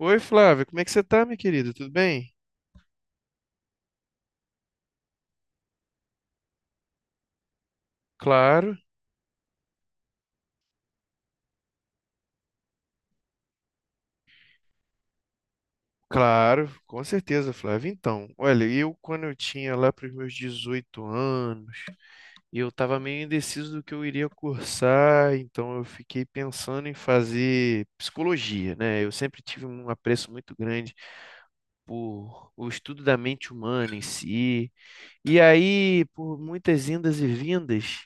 Oi, Flávia, como é que você tá, minha querida? Tudo bem? Claro, claro, com certeza, Flávia. Então, olha, eu quando eu tinha lá para os meus 18 anos, eu estava meio indeciso do que eu iria cursar, então eu fiquei pensando em fazer psicologia, né? Eu sempre tive um apreço muito grande por o estudo da mente humana em si. E aí, por muitas indas e vindas,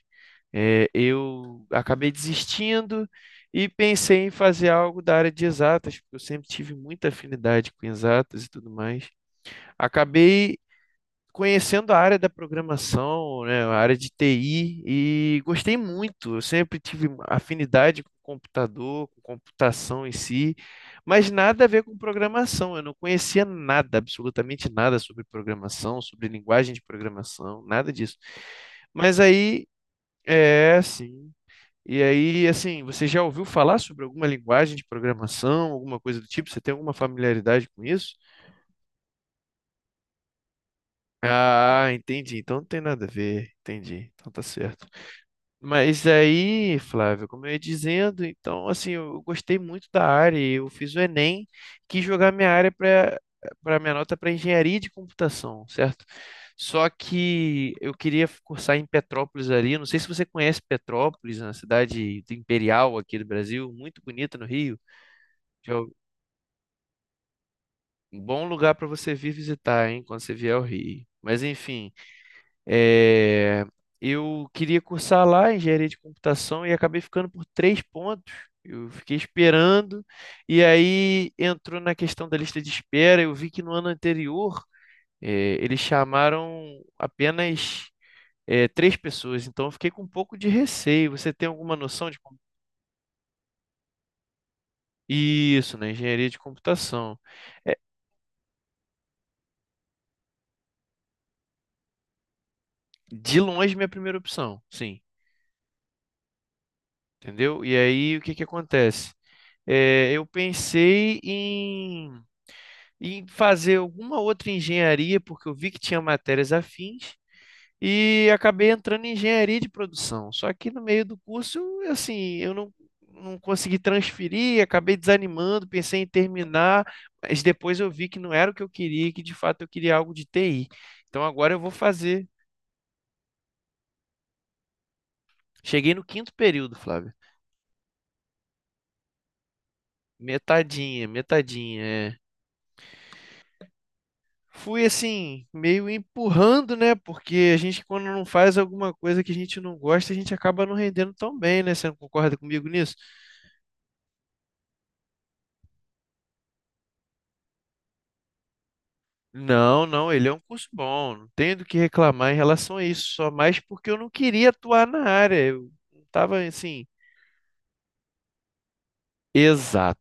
eu acabei desistindo e pensei em fazer algo da área de exatas, porque eu sempre tive muita afinidade com exatas e tudo mais. Acabei conhecendo a área da programação, né, a área de TI, e gostei muito. Eu sempre tive afinidade com computador, com computação em si, mas nada a ver com programação. Eu não conhecia nada, absolutamente nada sobre programação, sobre linguagem de programação, nada disso. Mas aí, é assim. E aí, assim, você já ouviu falar sobre alguma linguagem de programação, alguma coisa do tipo? Você tem alguma familiaridade com isso? Ah, entendi. Então não tem nada a ver. Entendi. Então tá certo. Mas aí, Flávio, como eu ia dizendo, então assim, eu gostei muito da área. E Eu fiz o Enem, quis jogar minha área para minha nota para engenharia de computação, certo? Só que eu queria cursar em Petrópolis ali. Não sei se você conhece Petrópolis, na cidade do imperial aqui do Brasil, muito bonita no Rio. Que é um bom lugar para você vir visitar, hein, quando você vier ao Rio. Mas enfim, é, eu queria cursar lá engenharia de computação e acabei ficando por três pontos. Eu fiquei esperando, e aí entrou na questão da lista de espera. Eu vi que no ano anterior, eles chamaram apenas, três pessoas, então eu fiquei com um pouco de receio. Você tem alguma noção de como... Isso, na engenharia de computação. É, de longe, minha primeira opção, sim, entendeu? E aí o que que acontece? Eu pensei em fazer alguma outra engenharia, porque eu vi que tinha matérias afins, e acabei entrando em engenharia de produção. Só que no meio do curso, eu, assim, eu não consegui transferir, acabei desanimando, pensei em terminar, mas depois eu vi que não era o que eu queria, e que de fato eu queria algo de TI. Então agora eu vou fazer. Cheguei no quinto período, Flávio. Metadinha, metadinha. É, fui assim, meio empurrando, né? Porque a gente, quando não faz alguma coisa que a gente não gosta, a gente acaba não rendendo tão bem, né? Você não concorda comigo nisso? Não, não, ele é um curso bom, não tenho do que reclamar em relação a isso, só mais porque eu não queria atuar na área, eu não estava assim, exato,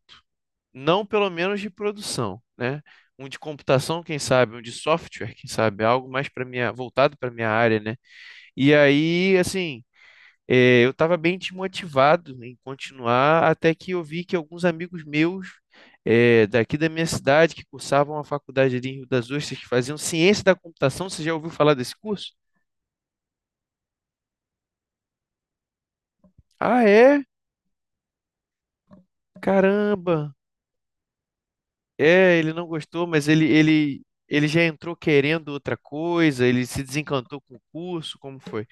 não pelo menos de produção, né? Um de computação, quem sabe, um de software, quem sabe, algo mais para minha, voltado para minha área, né? E aí, assim, é, eu estava bem desmotivado em continuar, até que eu vi que alguns amigos meus, é, daqui da minha cidade, que cursavam a faculdade ali em Rio das Ostras, que faziam ciência da computação, você já ouviu falar desse curso? Ah, é? Caramba! É, ele não gostou, mas ele já entrou querendo outra coisa, ele se desencantou com o curso, como foi?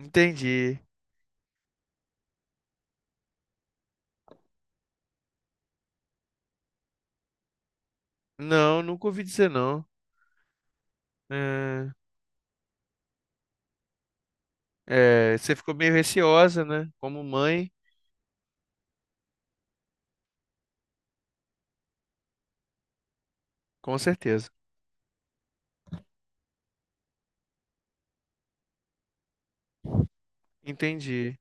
Entendi. Não, nunca ouvi dizer não. É, é, você ficou meio receosa, né? Como mãe, com certeza. Entendi.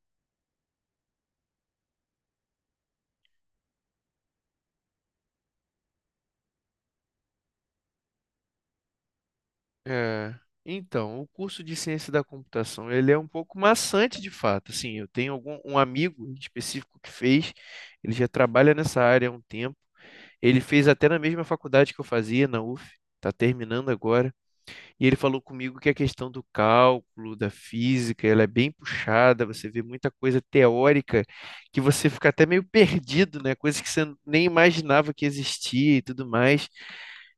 É, então, o curso de ciência da computação, ele é um pouco maçante de fato. Assim, eu tenho algum, um amigo em específico que fez, ele já trabalha nessa área há um tempo. Ele fez até na mesma faculdade que eu fazia, na UF, está terminando agora. E ele falou comigo que a questão do cálculo, da física, ela é bem puxada, você vê muita coisa teórica que você fica até meio perdido, né? Coisas que você nem imaginava que existia e tudo mais.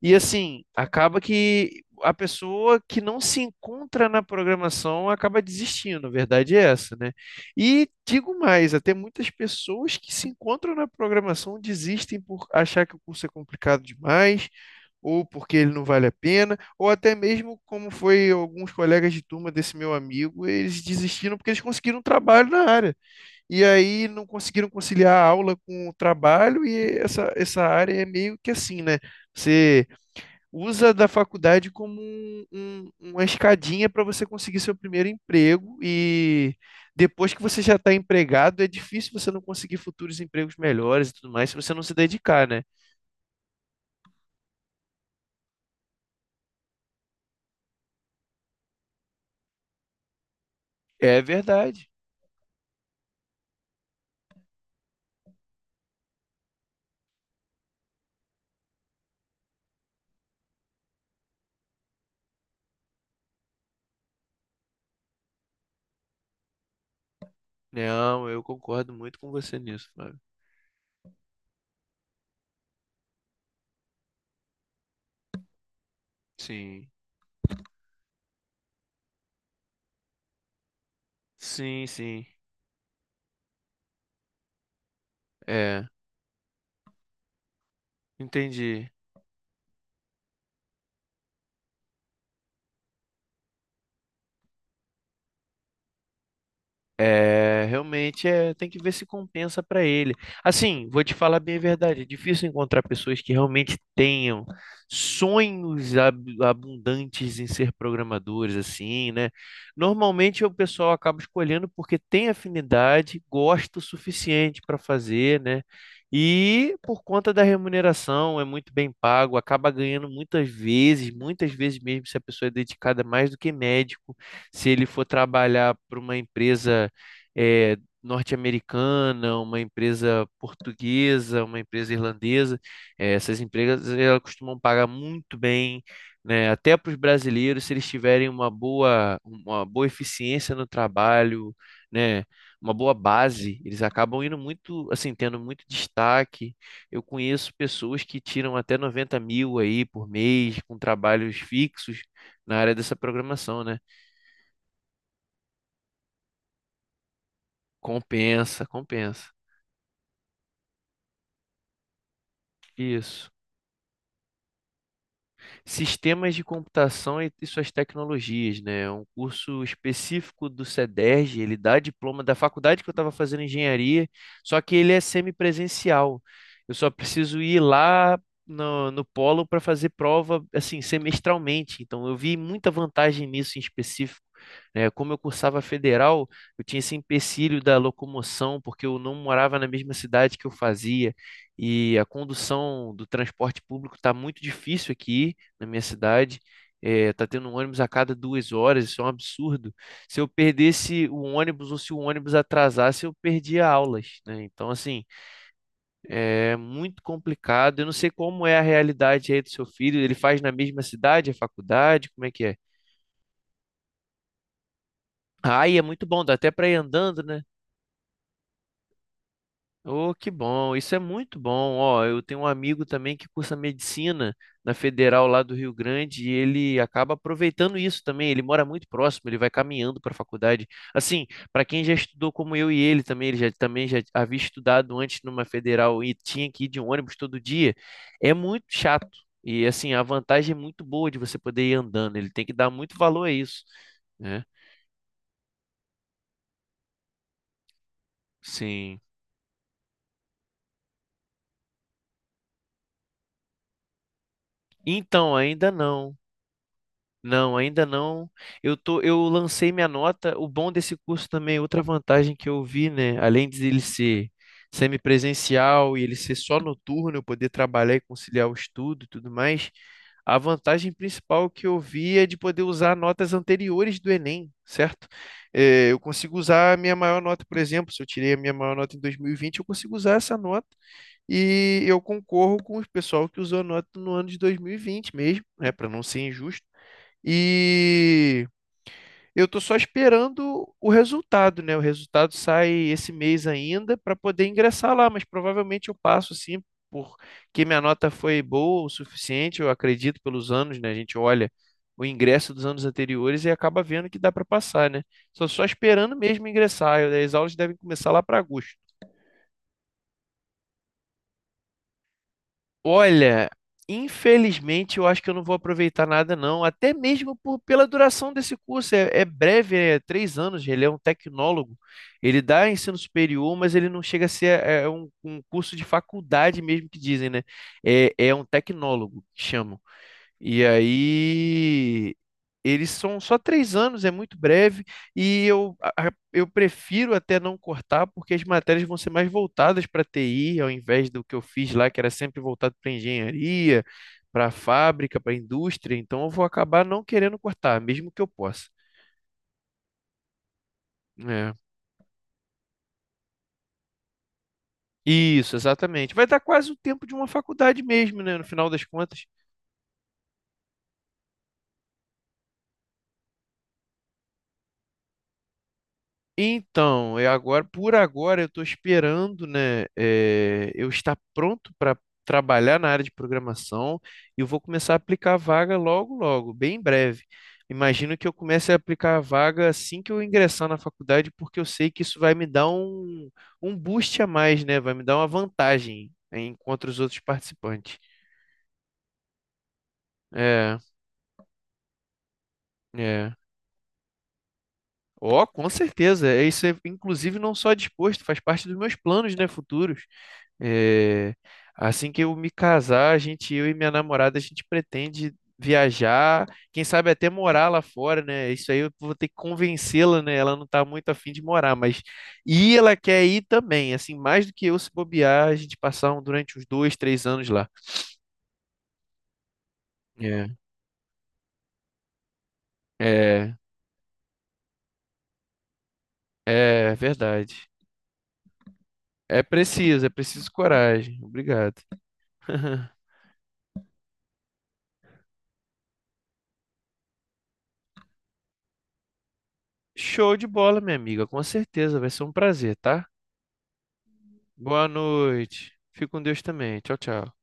E assim, acaba que a pessoa que não se encontra na programação acaba desistindo, a verdade é essa, né? E digo mais, até muitas pessoas que se encontram na programação desistem por achar que o curso é complicado demais ou porque ele não vale a pena ou até mesmo como foi alguns colegas de turma desse meu amigo, eles desistiram porque eles conseguiram um trabalho na área. E aí não conseguiram conciliar a aula com o trabalho, e essa área é meio que assim, né? Você usa da faculdade como uma escadinha para você conseguir seu primeiro emprego, e depois que você já está empregado, é difícil você não conseguir futuros empregos melhores e tudo mais se você não se dedicar, né? É verdade. Não, eu concordo muito com você nisso, Fábio. Sim. Sim, sim. É, entendi. É, realmente é, tem que ver se compensa para ele. Assim, vou te falar bem a verdade, é difícil encontrar pessoas que realmente tenham sonhos abundantes em ser programadores assim, né? Normalmente o pessoal acaba escolhendo porque tem afinidade, gosta o suficiente para fazer, né? E por conta da remuneração, é muito bem pago, acaba ganhando muitas vezes mesmo se a pessoa é dedicada mais do que médico, se ele for trabalhar para uma empresa eh, norte-americana, uma empresa portuguesa, uma empresa irlandesa. Essas empresas elas costumam pagar muito bem, né? Até para os brasileiros, se eles tiverem uma boa eficiência no trabalho, né? Uma boa base, eles acabam indo muito, assim, tendo muito destaque. Eu conheço pessoas que tiram até 90 mil aí por mês com trabalhos fixos na área dessa programação, né? Compensa, compensa. Isso. Sistemas de Computação e suas tecnologias, né? É um curso específico do CEDERJ, ele dá diploma da faculdade que eu estava fazendo engenharia, só que ele é semipresencial. Eu só preciso ir lá no polo para fazer prova assim semestralmente. Então eu vi muita vantagem nisso em específico. Né? Como eu cursava federal, eu tinha esse empecilho da locomoção, porque eu não morava na mesma cidade que eu fazia, e a condução do transporte público está muito difícil aqui, na minha cidade. É, tá tendo um ônibus a cada 2 horas, isso é um absurdo. Se eu perdesse o ônibus ou se o ônibus atrasasse, eu perdia aulas, né? Então, assim, é muito complicado. Eu não sei como é a realidade aí do seu filho. Ele faz na mesma cidade, a faculdade, como é que é? Ah, e é muito bom, dá até para ir andando, né? Oh, que bom, isso é muito bom. Ó, eu tenho um amigo também que cursa medicina na Federal lá do Rio Grande e ele acaba aproveitando isso também. Ele mora muito próximo, ele vai caminhando para a faculdade. Assim, para quem já estudou como eu e ele também, ele já, também já havia estudado antes numa Federal e tinha que ir de ônibus todo dia, é muito chato. E assim, a vantagem é muito boa de você poder ir andando, ele tem que dar muito valor a isso, né? Sim. Então, ainda não. Não, ainda não. Eu lancei minha nota. O bom desse curso também, outra vantagem que eu vi, né? Além de ele ser semipresencial e ele ser só noturno, eu poder trabalhar e conciliar o estudo e tudo mais, a vantagem principal que eu vi é de poder usar notas anteriores do Enem, certo? Eu consigo usar a minha maior nota, por exemplo, se eu tirei a minha maior nota em 2020, eu consigo usar essa nota e eu concorro com o pessoal que usou a nota no ano de 2020 mesmo, né? Para não ser injusto. E eu estou só esperando o resultado, né? O resultado sai esse mês ainda para poder ingressar lá, mas provavelmente eu passo sim, porque minha nota foi boa o suficiente, eu acredito pelos anos, né? A gente olha o ingresso dos anos anteriores e acaba vendo que dá para passar, né? Estou só esperando mesmo ingressar. As aulas devem começar lá para agosto. Olha, infelizmente eu acho que eu não vou aproveitar nada, não. Até mesmo por, pela duração desse curso. É, é breve, é 3 anos. Ele é um tecnólogo. Ele dá ensino superior, mas ele não chega a ser é, é um, um curso de faculdade mesmo que dizem, né? É, é um tecnólogo que chamam. E aí, eles são só 3 anos, é muito breve, e eu, eu prefiro até não cortar, porque as matérias vão ser mais voltadas para TI, ao invés do que eu fiz lá, que era sempre voltado para engenharia, para fábrica, para indústria. Então, eu vou acabar não querendo cortar, mesmo que eu possa. É. Isso, exatamente. Vai dar quase o tempo de uma faculdade mesmo, né, no final das contas. Então, é agora, por agora, eu estou esperando, né, eu estar pronto para trabalhar na área de programação e eu vou começar a aplicar a vaga logo, logo, bem em breve. Imagino que eu comece a aplicar a vaga assim que eu ingressar na faculdade, porque eu sei que isso vai me dar um boost a mais, né? Vai me dar uma vantagem contra os outros participantes. É, é. Ó, com certeza. É, isso é, inclusive, não só disposto, faz parte dos meus planos, né, futuros. É, assim que eu me casar, a gente, eu e minha namorada, a gente pretende viajar, quem sabe até morar lá fora, né? Isso aí eu vou ter que convencê-la, né? Ela não tá muito afim de morar, mas e ela quer ir também, assim, mais do que eu se bobear, a gente passar durante uns dois, três anos lá. É, é, É verdade. É preciso coragem. Obrigado. Show de bola, minha amiga, com certeza, vai ser um prazer, tá? Boa noite. Fique com Deus também. Tchau, tchau.